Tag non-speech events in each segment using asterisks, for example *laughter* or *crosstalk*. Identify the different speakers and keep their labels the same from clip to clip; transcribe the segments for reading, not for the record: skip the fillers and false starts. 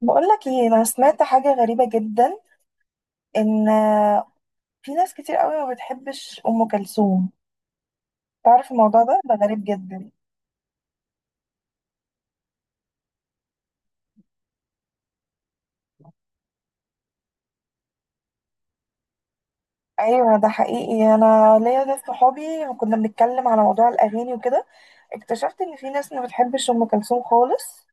Speaker 1: بقولك ايه، انا سمعت حاجة غريبة جدا. ان في ناس كتير قوي ما بتحبش ام كلثوم. تعرف الموضوع ده، غريب جدا. ايوه ده حقيقي، انا ليا ناس صحابي كنا بنتكلم على موضوع الاغاني وكده، اكتشفت ان في ناس ما بتحبش ام كلثوم خالص،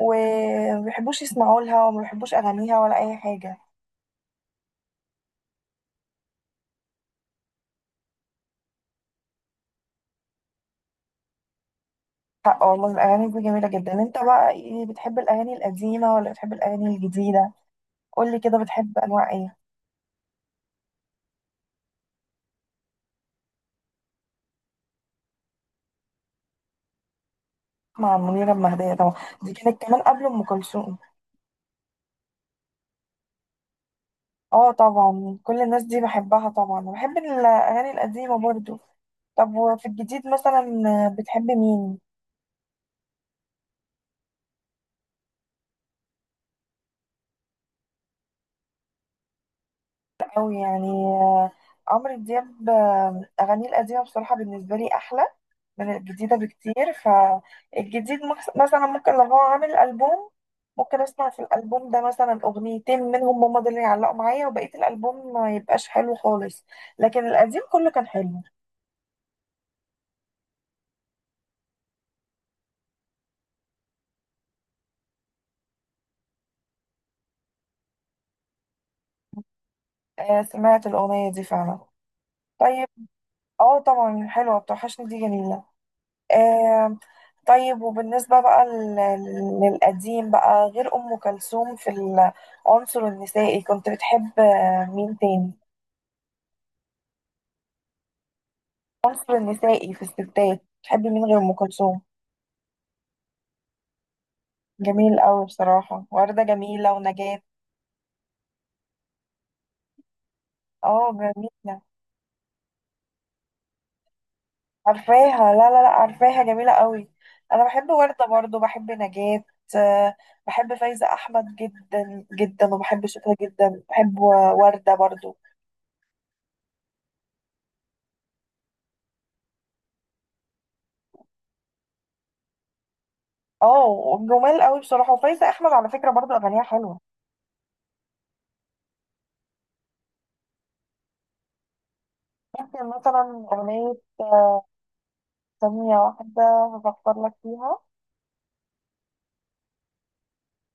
Speaker 1: وما بيحبوش يسمعوا لها وما بيحبوش اغانيها ولا اي حاجة. حق والله، الاغاني دي جميلة جدا. انت بقى ايه، بتحب الاغاني القديمة ولا بتحب الاغاني الجديدة؟ قولي كده، بتحب انواع ايه؟ مع منيرة المهدية طبعا، دي كانت كمان قبل أم كلثوم. اه طبعا كل الناس دي بحبها طبعا، وبحب الأغاني القديمة برضو. طب وفي الجديد مثلا بتحب مين؟ أوي يعني. عمرو دياب، أغانيه القديمة بصراحة بالنسبة لي أحلى من الجديدة بكتير. فالجديد مثلا ممكن لو هو عامل ألبوم، ممكن أسمع في الألبوم ده مثلا أغنيتين منهم، هما دول اللي يعلقوا معايا، وبقية الألبوم ما يبقاش حلو خالص. لكن القديم كله كان حلو. آه سمعت الأغنية دي فعلا. طيب. اه طبعا حلوة، بتوحشني دي جميلة. آه. طيب، وبالنسبة بقى للقديم بقى غير أم كلثوم في العنصر النسائي، كنت بتحب مين تاني؟ العنصر النسائي في الستات بتحبي مين غير أم كلثوم؟ جميل أوي بصراحة، وردة جميلة ونجاة. اه جميلة. عارفاها، لا لا لا، عارفاها جميلة قوي. انا بحب وردة برضو، بحب نجاة. آه، بحب فايزة احمد جدا جدا، وبحب شكلها جدا، بحب وردة برضو. اه جمال قوي بصراحة. وفايزة احمد على فكرة برضو اغانيها حلوة. ممكن مثلا اغنية، ثانية واحدة، هفكر لك فيها.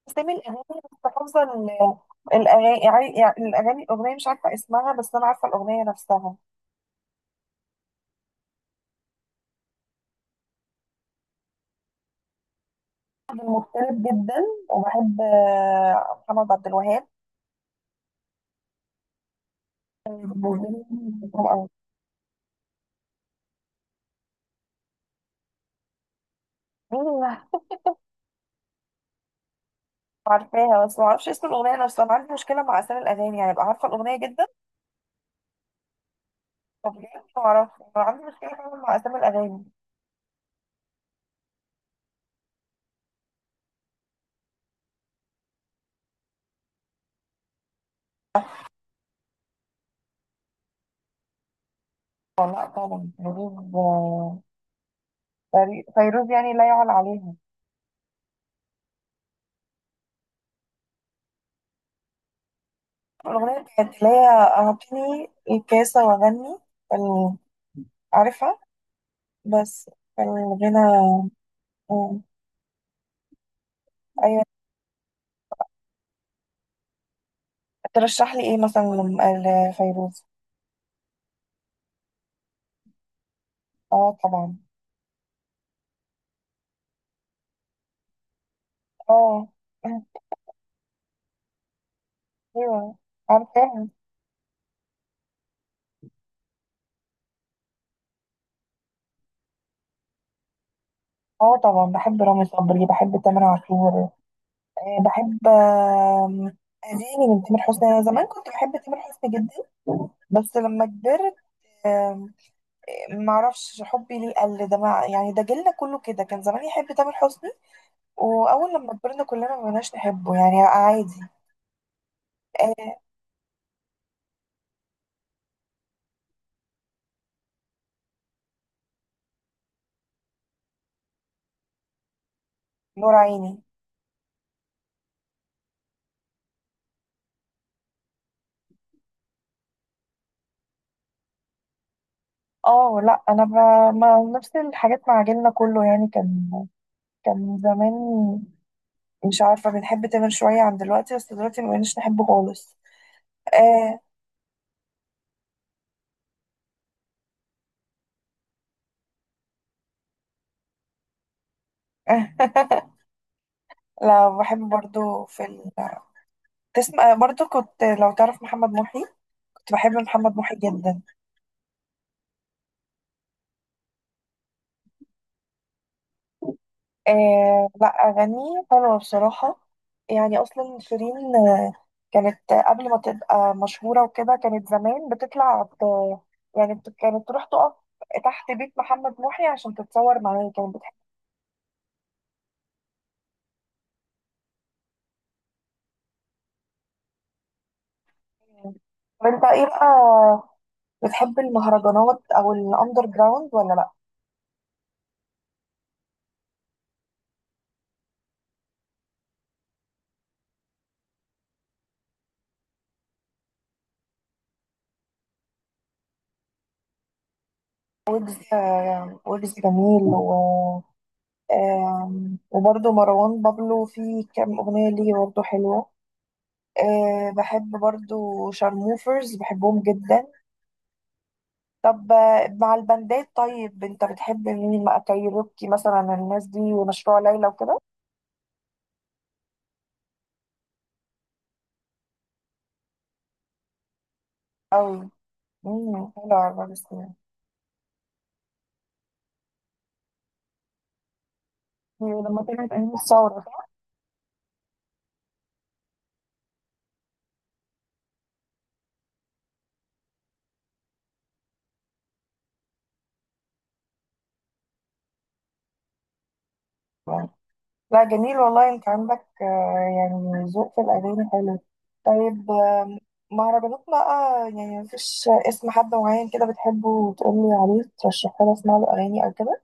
Speaker 1: اسامي الاغاني مش حافظة الاغاني، يعني الاغاني، الاغنية مش عارفة اسمها بس انا عارفة الاغنية نفسها. مختلف جدا. وبحب محمد عبد الوهاب. أيوة. عارفاها بس ما اعرفش اسم الاغنيه نفسها، انا عندي مشكله مع اسامي الاغاني، يعني ابقى عارفه الاغنيه جدا. طب ليه؟ ما اعرفش، أنا عندي مشكله فعلا مع اسامي الاغاني. والله طبعا فيروز. فيروز يعني لا يعلى عليها. الاغنيه بتاعت اللي هي اعطيني الكاسه واغني ال- عارفها. بس الغنى. آه، ايوه، ترشح لي ايه مثلا لفيروز؟ اه طبعا. اه. *laughs* ايوه عارفاها. اه طبعا بحب رامي صبري، بحب تامر عاشور. بحب اغاني من تامر حسني. انا زمان كنت بحب تامر حسني جدا، بس لما كبرت آم، معرفش حبي ليه قل ده. مع يعني ده جيلنا كله كده، كان زمان يحب تامر حسني، واول لما كبرنا كلنا ما بقناش نحبه، يعني عادي. آه، نور عيني. اه لا، انا ما نفس الحاجات مع جيلنا كله يعني. كان زمان مش عارفه، بنحب تامر شويه عن دلوقتي، بس دلوقتي ما بقناش نحبه خالص. آه، *laughs* لا بحب برضو تسمع برضو، كنت لو تعرف محمد محي، كنت بحب محمد محي جدا. آه لا أغانيه حلوة بصراحة. يعني أصلا شيرين كانت قبل ما تبقى مشهورة وكده، كانت زمان بتطلع يعني كانت تروح تقف تحت بيت محمد محي عشان تتصور معاه، كانت بتحب. طب انت ايه بقى، بتحب المهرجانات او الاندر جراوند ولا لا؟ ويجز. ويجز جميل. وبرضه مروان بابلو في كام أغنية ليه برضه حلوة. بحب برضه شارموفرز، بحبهم جدا. طب مع البندات. طيب انت بتحب مين مع كايروكي مثلا، الناس دي ومشروع ليلى وكده؟ أوي. مم، حلوة عبد الرحمن. هي لما طلعت أيام الثورة. صح؟ لا جميل والله، انت عندك يعني ذوق في الاغاني حلو. طيب مهرجانات بقى، يعني مفيش اسم حد معين كده بتحبه وتقولي عليه ترشحه لي اسمع له اغاني او كده؟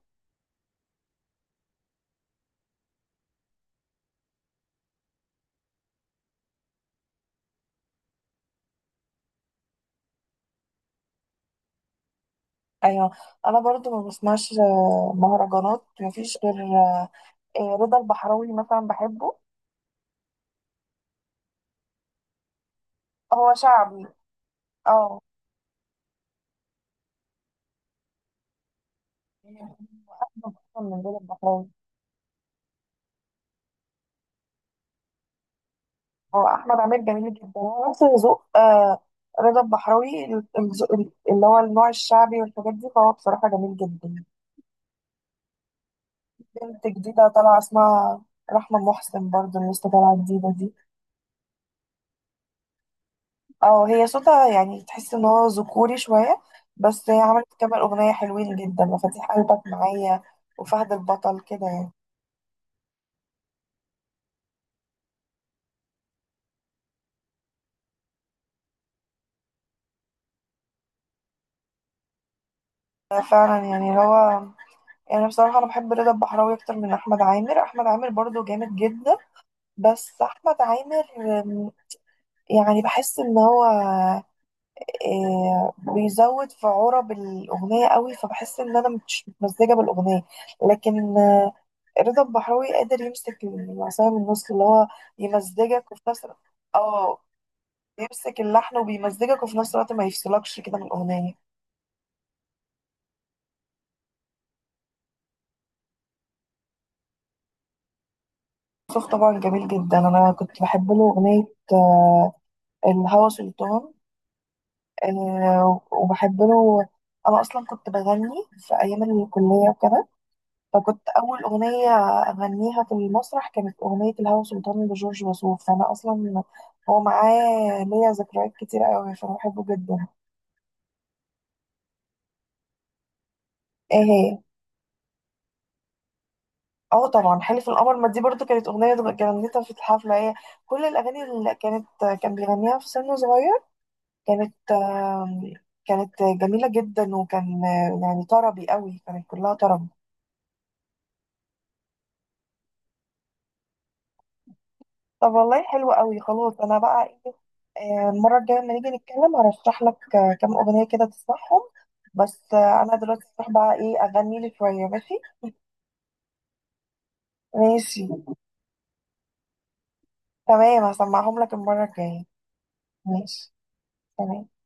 Speaker 1: ايوه، انا برضو ما بسمعش مهرجانات. مفيش غير رضا البحراوي مثلا بحبه. هو شعبي. اه. يعني بحبه أصلاً من رضا البحراوي. اه احمد عامر جميل جدا، هو نفس ذوق رضا البحراوي، الذوق اللي هو النوع الشعبي والحاجات دي، فهو بصراحه جميل جدا. بنت جديده طالعه اسمها رحمه محسن برضو، اللي لسه طالعه جديده دي. اه هي صوتها يعني تحس ان هو ذكوري شويه، بس هي عملت كام اغنيه حلوين جدا، مفاتيح قلبك معايا وفهد البطل، كده يعني. فعلا. يعني اللي هو يعني بصراحة أنا بحب رضا البحراوي أكتر من أحمد عامر. أحمد عامر برضو جامد جدا، بس أحمد عامر يعني بحس ان هو بيزود في عرب الاغنيه قوي، فبحس ان انا مش متمزجه بالاغنيه. لكن رضا البحراوي قادر يمسك العصايه من النص، اللي هو يمزجك وفي نفس الوقت، اه بيمسك اللحن وبيمزجك، وفي نفس الوقت ما يفصلكش كده من الاغنيه. صوت طبعا جميل جدا، انا كنت بحب له اغنيه آه، الهوى سلطان. وبحب له. انا اصلا كنت بغني في ايام الكليه وكده، فكنت أول أغنية أغنيها في المسرح كانت أغنية الهوى سلطان لجورج وسوف. فأنا أصلا هو معاه ليا ذكريات كتير أوي عشان بحبه جدا. إيه هي؟ اه طبعا حلف القمر. ما دي برضو كانت أغنية غنيتها في الحفلة، هي كل الأغاني اللي كانت كان بيغنيها في سن صغير. كانت كانت جميلة جدا، وكان يعني طربي أوي، كانت كلها طرب. طب والله حلو قوي، خلاص انا بقى ايه، المره الجايه لما نيجي نتكلم هرشح لك كام اغنيه كده تسمعهم. بس انا دلوقتي هروح بقى ايه، اغني لي شويه، ماشي؟ ماشي. تمام. هسمعهم لك المره الجايه. ماشي. تمام.